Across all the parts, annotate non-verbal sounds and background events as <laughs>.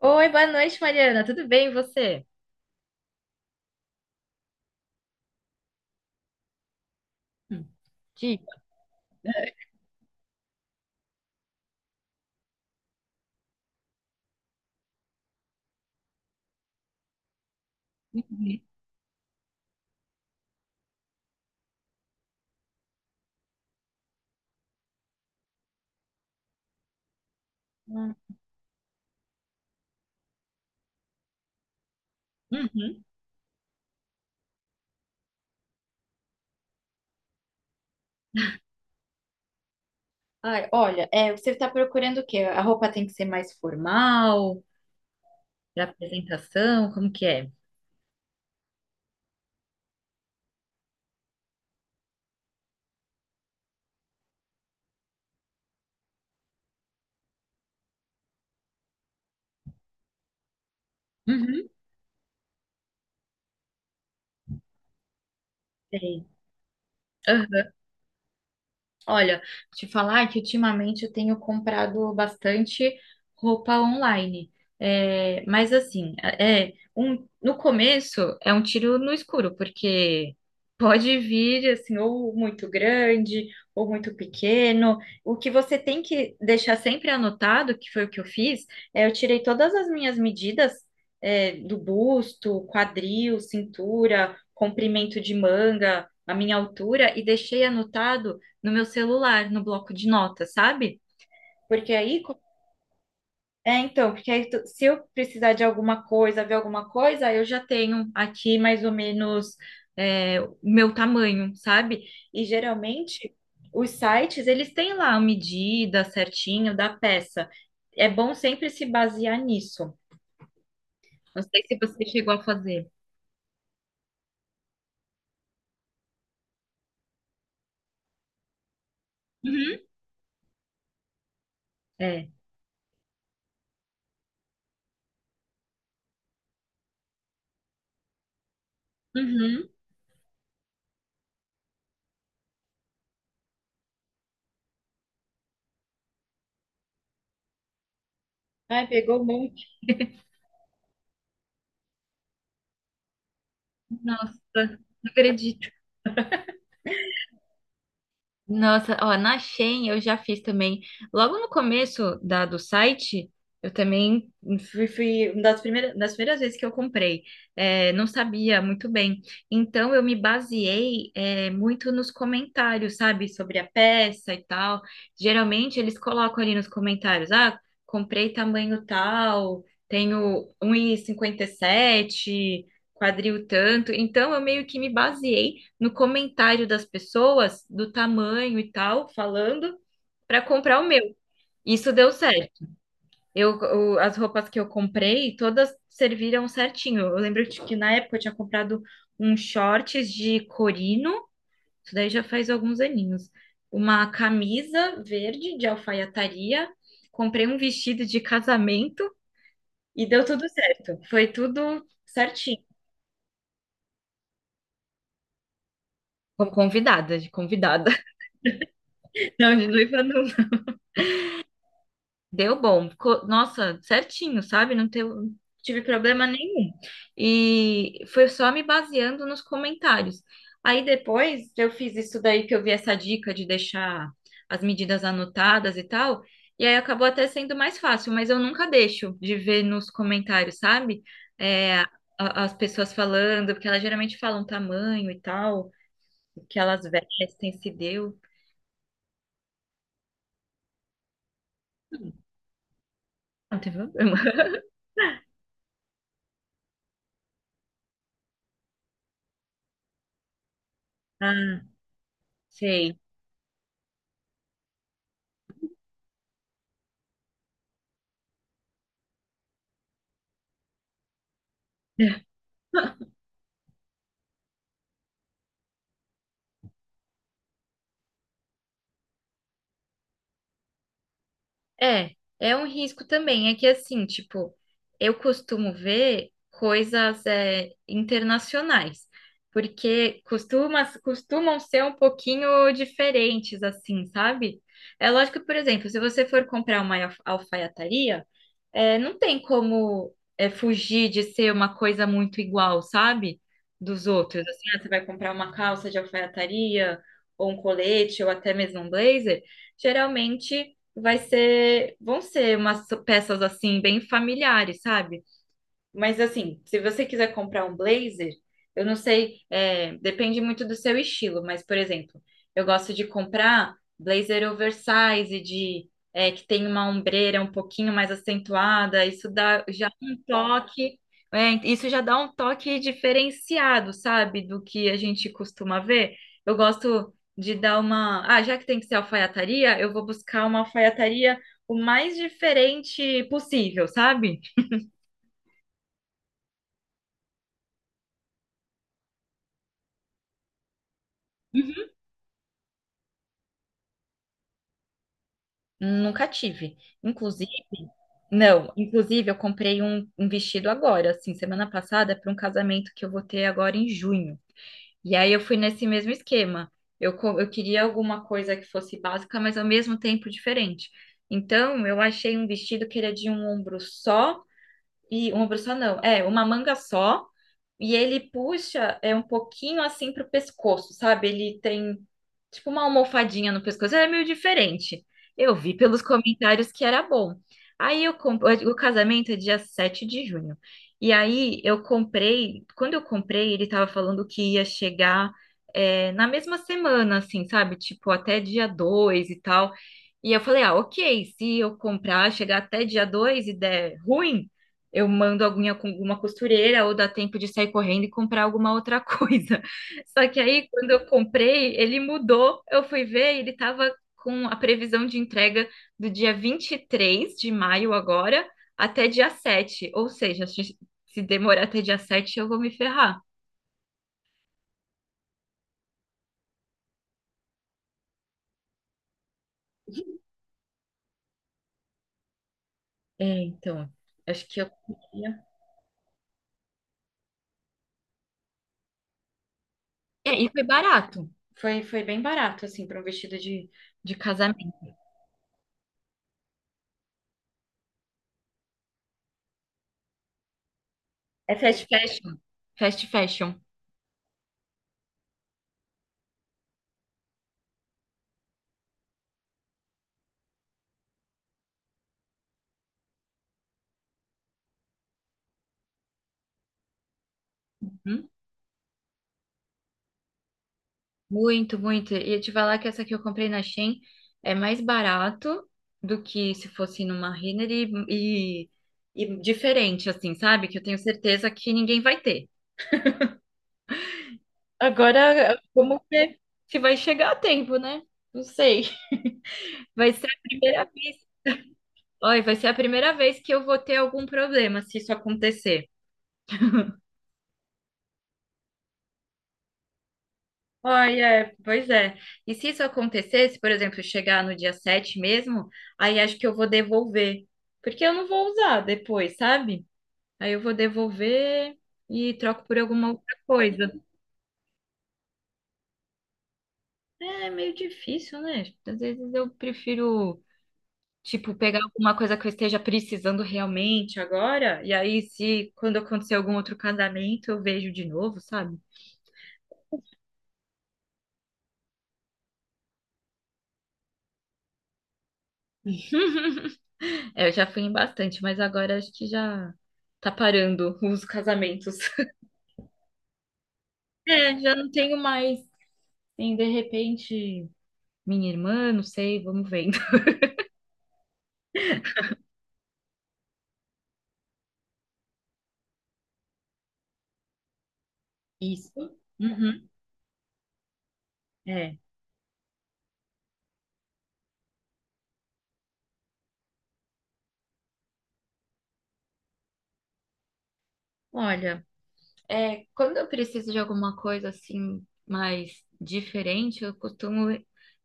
Oi, boa noite, Mariana. Tudo bem, e você? Hum. Dica. Uhum. Ai, olha, você está procurando o quê? A roupa tem que ser mais formal, para apresentação, como que é? Uhum. Sei. Olha, te falar que ultimamente eu tenho comprado bastante roupa online. Mas assim, no começo é um tiro no escuro, porque <laughs> pode vir assim, ou muito grande, ou muito pequeno. O que você tem que deixar sempre anotado, que foi o que eu fiz, eu tirei todas as minhas medidas, do busto, quadril, cintura, comprimento de manga, a minha altura, e deixei anotado no meu celular, no bloco de notas, sabe? Porque aí, porque aí, se eu precisar de alguma coisa, ver alguma coisa, eu já tenho aqui mais ou menos o meu tamanho, sabe? E geralmente os sites, eles têm lá a medida certinho da peça. É bom sempre se basear nisso. Não sei se você chegou a fazer. Uhum. É. Uhum. Ai, pegou um monte. Nossa, não acredito. Nossa, ó, na Shein eu já fiz também. Logo no começo do site, eu também fui uma das primeiras vezes que eu comprei. É, não sabia muito bem. Então eu me baseei, muito nos comentários, sabe? Sobre a peça e tal. Geralmente eles colocam ali nos comentários, ah, comprei tamanho tal, tenho um e cinquenta e sete, quadril tanto. Então eu meio que me baseei no comentário das pessoas, do tamanho e tal, falando, para comprar o meu. Isso deu certo. As roupas que eu comprei, todas serviram certinho. Eu lembro de que na época eu tinha comprado uns shorts de corino, isso daí já faz alguns aninhos. Uma camisa verde de alfaiataria, comprei um vestido de casamento e deu tudo certo. Foi tudo certinho. Como convidada, de convidada. <laughs> Não, de noiva não. Deu bom. Ficou- Nossa, certinho, sabe? Não teve, não tive problema nenhum. E foi só me baseando nos comentários. Aí depois eu fiz isso daí que eu vi essa dica de deixar as medidas anotadas e tal. E aí acabou até sendo mais fácil, mas eu nunca deixo de ver nos comentários, sabe? É, a- As pessoas falando, porque elas geralmente falam tamanho e tal, o que elas vestem, se deu. Não tem problema. <laughs> Ah, sei. É, é um risco também. É que assim, tipo, eu costumo ver coisas internacionais, porque costumam ser um pouquinho diferentes, assim, sabe? É lógico que, por exemplo, se você for comprar uma alfaiataria, não tem como fugir de ser uma coisa muito igual, sabe? Dos outros. Assim, ah, você vai comprar uma calça de alfaiataria, ou um colete, ou até mesmo um blazer, geralmente vai ser, vão ser umas peças assim, bem familiares, sabe? Mas assim, se você quiser comprar um blazer, eu não sei, é, depende muito do seu estilo, mas, por exemplo, eu gosto de comprar blazer oversize, que tem uma ombreira um pouquinho mais acentuada, isso dá já um toque, isso já dá um toque diferenciado, sabe, do que a gente costuma ver. Eu gosto de dar uma. Ah, já que tem que ser alfaiataria, eu vou buscar uma alfaiataria o mais diferente possível, sabe? Nunca tive. Inclusive, não, inclusive eu comprei um vestido agora, assim, semana passada, para um casamento que eu vou ter agora em junho. E aí eu fui nesse mesmo esquema. Eu queria alguma coisa que fosse básica, mas ao mesmo tempo diferente. Então, eu achei um vestido que era de um ombro só. E uma pessoa não, é uma manga só, e ele puxa um pouquinho assim pro pescoço, sabe? Ele tem tipo uma almofadinha no pescoço, é meio diferente. Eu vi pelos comentários que era bom. Aí eu comprei, o casamento é dia 7 de junho. E aí eu comprei, quando eu comprei, ele tava falando que ia chegar na mesma semana, assim, sabe? Tipo, até dia 2 e tal. E eu falei, ah, ok, se eu comprar, chegar até dia 2 e der ruim, eu mando alguma, alguma costureira ou dá tempo de sair correndo e comprar alguma outra coisa. <laughs> Só que aí, quando eu comprei, ele mudou. Eu fui ver, e ele estava com a previsão de entrega do dia 23 de maio agora até dia 7. Ou seja, se demorar até dia 7 eu vou me ferrar. É, então, acho que eu queria. É, e foi barato. Foi, foi bem barato, assim, para um vestido de casamento. É fast fashion. Fast fashion. Uhum. Muito, muito. E eu te falar que essa que eu comprei na Shein é mais barato do que se fosse numa Renner e, e diferente, assim, sabe? Que eu tenho certeza que ninguém vai ter. Agora, vamos ver se vai chegar a tempo, né? Não sei. Vai ser a primeira vez. Olha, vai ser a primeira vez que eu vou ter algum problema se isso acontecer. Ai, é, pois é. E se isso acontecesse, por exemplo, chegar no dia 7 mesmo, aí acho que eu vou devolver, porque eu não vou usar depois, sabe? Aí eu vou devolver e troco por alguma outra coisa. É meio difícil, né? Às vezes eu prefiro, tipo, pegar alguma coisa que eu esteja precisando realmente agora, e aí se quando acontecer algum outro casamento, eu vejo de novo, sabe? É, eu já fui em bastante, mas agora acho que já tá parando os casamentos. É, já não tenho mais. Tem, de repente, minha irmã, não sei, vamos vendo. <laughs> Isso. Uhum, é. Olha, é, quando eu preciso de alguma coisa assim mais diferente,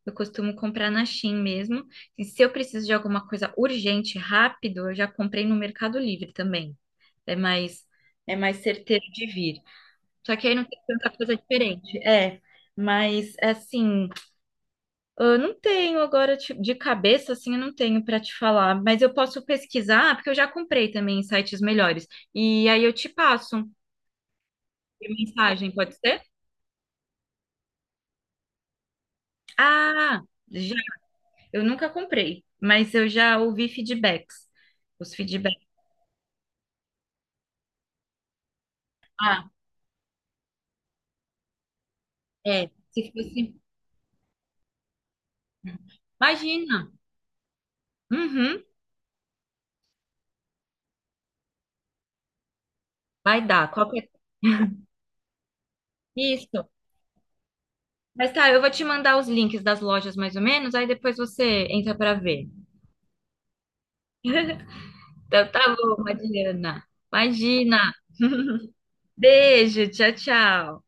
eu costumo comprar na Shein mesmo. E se eu preciso de alguma coisa urgente, rápido, eu já comprei no Mercado Livre também. É mais É mais certeiro de vir. Só que aí não tem tanta coisa diferente. É, mas assim, eu não tenho agora de cabeça, assim, eu não tenho para te falar, mas eu posso pesquisar, porque eu já comprei também em sites melhores. E aí eu te passo por mensagem, pode ser? Ah, já, eu nunca comprei, mas eu já ouvi feedbacks. Os feedbacks. Ah, é. Se fosse. Imagina. Uhum, vai dar. Qualquer... Isso. Mas tá, eu vou te mandar os links das lojas mais ou menos, aí depois você entra para ver. Então tá bom, Adriana. Imagina. <laughs> Beijo, tchau, tchau.